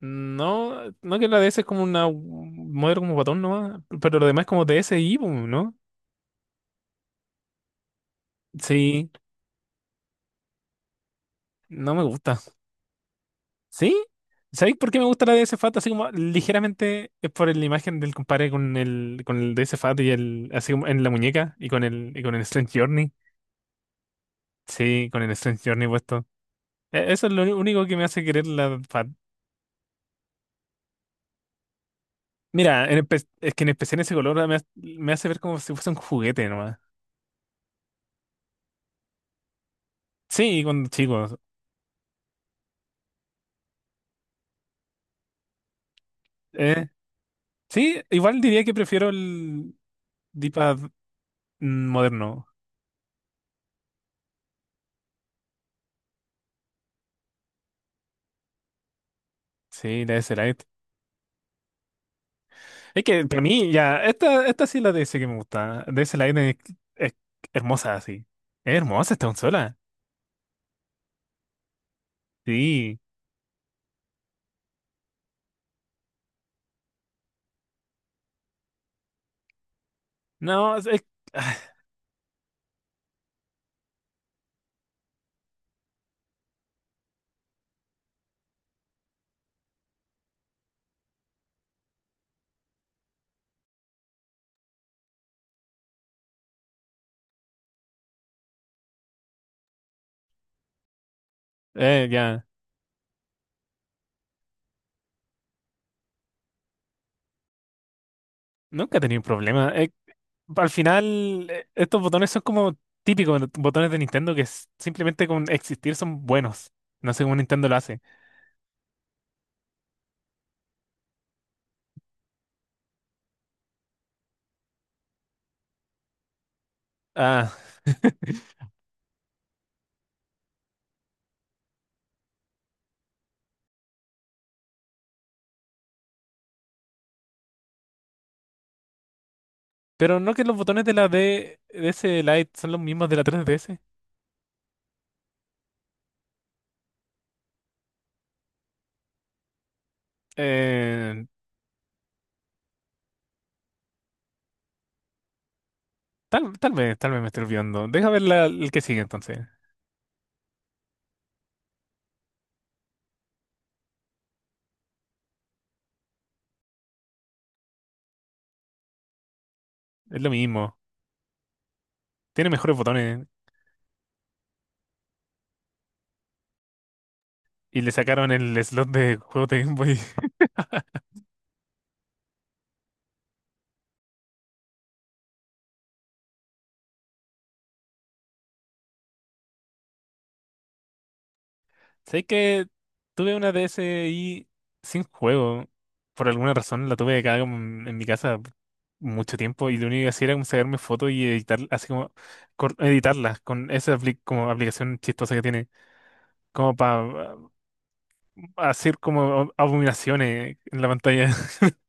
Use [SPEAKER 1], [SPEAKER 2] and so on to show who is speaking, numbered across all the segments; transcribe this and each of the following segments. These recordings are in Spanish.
[SPEAKER 1] No, no que La DS es como una un modelo como botón nomás, pero lo demás es como DSi, pues, ¿no? Sí, no me gusta. ¿Sí? ¿Sabéis por qué me gusta la DS Fat? Así como ligeramente, es por la imagen del compadre con el DS Fat y el, así como en la muñeca y con el Strange Journey. Sí, con el Strange Journey puesto. Eso es lo único que me hace querer la Fat. Mira, es que en especial ese color me, me hace ver como si fuese un juguete nomás. Sí, cuando chicos. eh, Sí, igual diría que prefiero el dipad moderno. Sí, DS Lite. Es que para mí ya, esta sí es la DS que me gusta. DS Lite es hermosa, sí. Es hermosa esta consola. Sí. No, ah, ya. Nunca he tenido un problema. Al final, estos botones son como botones de Nintendo que simplemente con existir son buenos. No sé cómo Nintendo lo hace. Ah, pero no que los botones de la D DS Lite son los mismos de la 3DS. Eh, tal vez me estoy olvidando. Deja ver el que sigue entonces. Es lo mismo. Tiene mejores botones. Y le sacaron el slot de juegos de Game Boy. Sé que tuve una DSi sin juego. Por alguna razón la tuve acá como en mi casa mucho tiempo. Y lo único que hacía era como sacarme fotos y editar, así como editarlas con esa como aplicación chistosa que tiene. Como para hacer como abominaciones en la pantalla.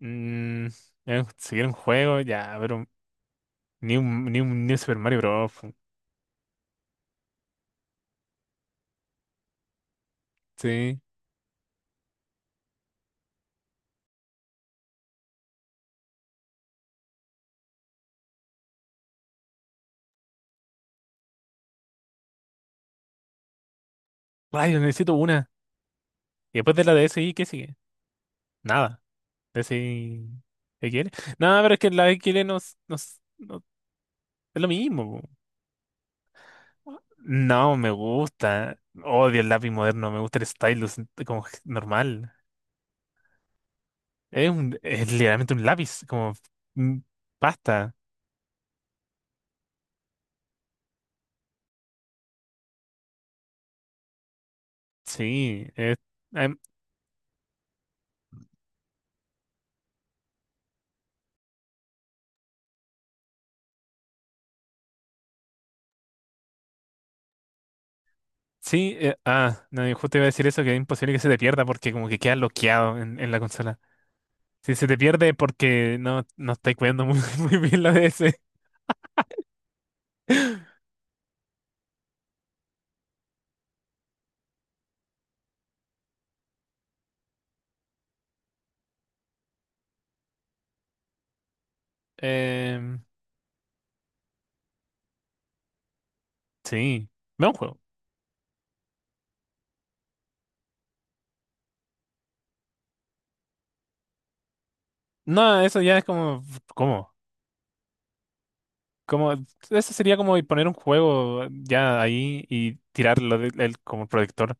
[SPEAKER 1] Mm, seguir un juego, ya, pero ni un Super Mario Bros. Fu. Sí. Rayos, necesito una. Y después de la DSi, ¿qué sigue? Nada. DSi. ¿XL? No, pero es que la XL es lo mismo. Po. No, me gusta. Odio el lápiz moderno, me gusta el stylus como normal. Es un, es literalmente un lápiz, como mm, pasta. Sí. es em, Sí, no, y justo iba a decir eso, que es imposible que se te pierda porque como que queda bloqueado en la consola. Si se te pierde porque no estáis cuidando muy, muy bien la DS. Em, sí, ve un juego. No, eso ya es como, ¿cómo? Como, eso sería como poner un juego ya ahí y tirarlo como proyector.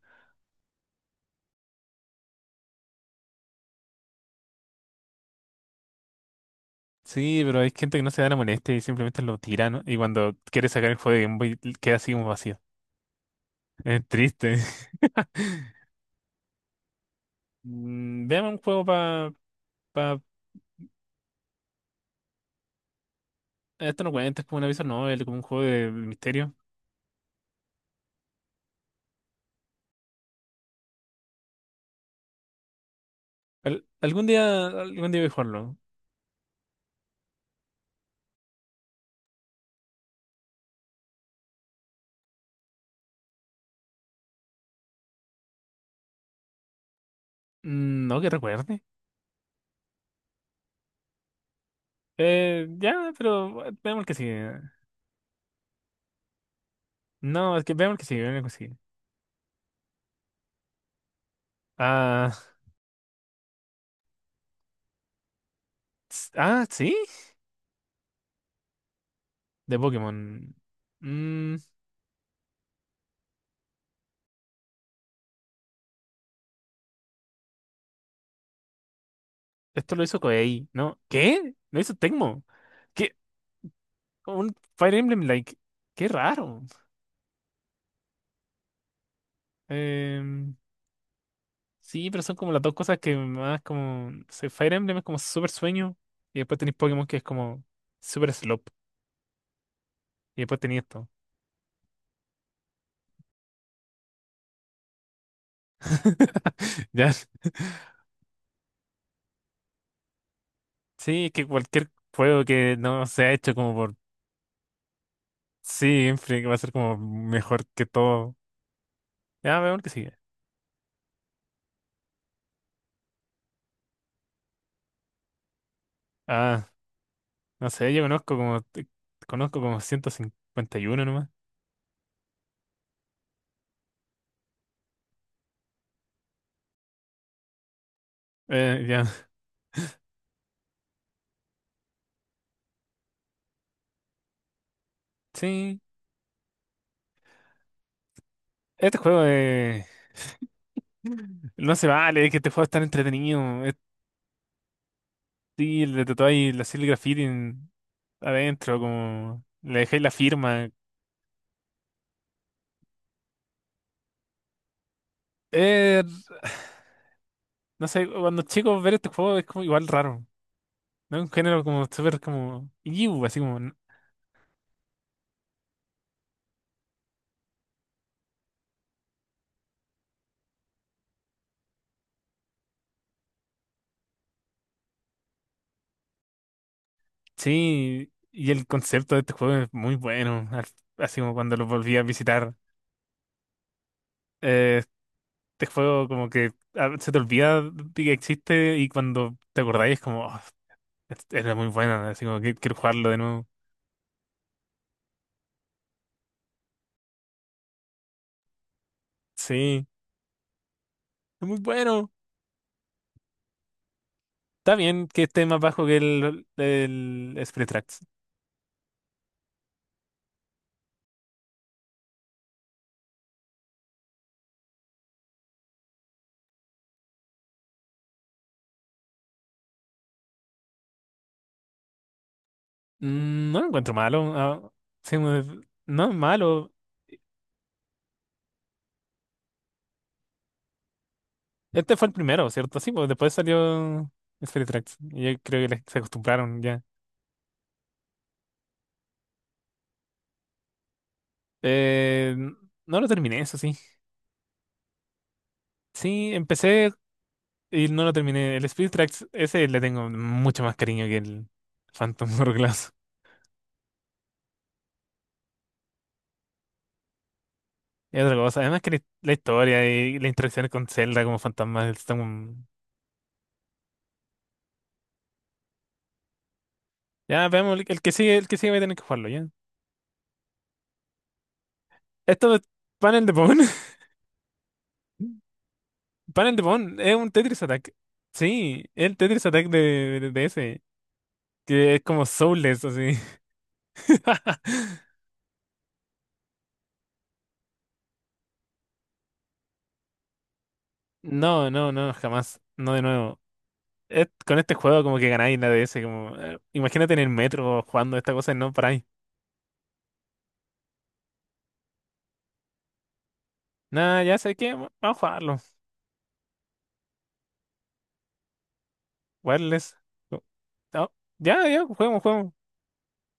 [SPEAKER 1] Sí, pero hay gente que no se da la molestia y simplemente lo tira, ¿no? Y cuando quiere sacar el juego de Game Boy queda así como vacío. Es triste. Mm, veamos un juego para esto no cuenta, es como una visual novel, como un juego de misterio. Algún día, algún día voy a jugarlo. Mm, no que recuerde. Ya, pero veamos el que sigue. No, es que veamos el que sigue, veamos el que sigue. Ah, sí, de Pokémon. Mm, esto lo hizo Koei, ¿no? ¿Qué? Lo hizo Tecmo. ¿Qué? Un Fire Emblem like. Qué raro. Em, Sí, pero son como las dos cosas que más como... no sé, Fire Emblem es como súper sueño y después tenéis Pokémon que es como súper slop y después tenéis esto. Ya. Sí, es que cualquier juego que no se ha hecho como por sí, siempre que va a ser como mejor que todo. Ya, veamos el que sigue. Ah, no sé, yo conozco como te- conozco como 151 nomás. Ya. Sí, este juego no se vale, es que este juego es tan entretenido. Es, y le tatuáis la Silly Graffiti adentro, como le dejáis la firma. Eh, no sé, cuando chicos ver este juego es como igual raro, ¿no? Un género como súper como, "Iu", así como, sí, y el concepto de este juego es muy bueno, así como cuando lo volví a visitar. Eh, este juego como que se te olvida de que existe y cuando te acordáis es como, "Oh, era muy bueno, así como que quiero jugarlo de nuevo. Sí, es muy bueno. Está bien que esté más bajo que el Spirit. Mm, no lo encuentro malo. Sí, no es malo. Este fue el primero, ¿cierto? Sí, pues después salió Spirit Tracks. Y yo creo que se acostumbraron ya. Eh, n- no lo terminé, eso sí. Sí, empecé y no lo terminé. El Spirit Tracks, ese le tengo mucho más cariño que el Phantom Hourglass. Es otra cosa. Además que la historia y la interacción con Zelda como fantasma están... Ya, veamos, el que sigue va a tener que jugarlo, ya. Esto es panel de Pokémon. Panel de Pon es un Tetris Attack. Sí, es el Tetris Attack de ese, que es como soulless, así. No, no, no, jamás. No de nuevo. Es- con este juego como que ganáis la DS, como... imagínate en el metro jugando esta cosa y no paráis. Nada, ya sé que vamos a jugarlo. Wireless. Oh, ya, ya, juguemos, juguemos.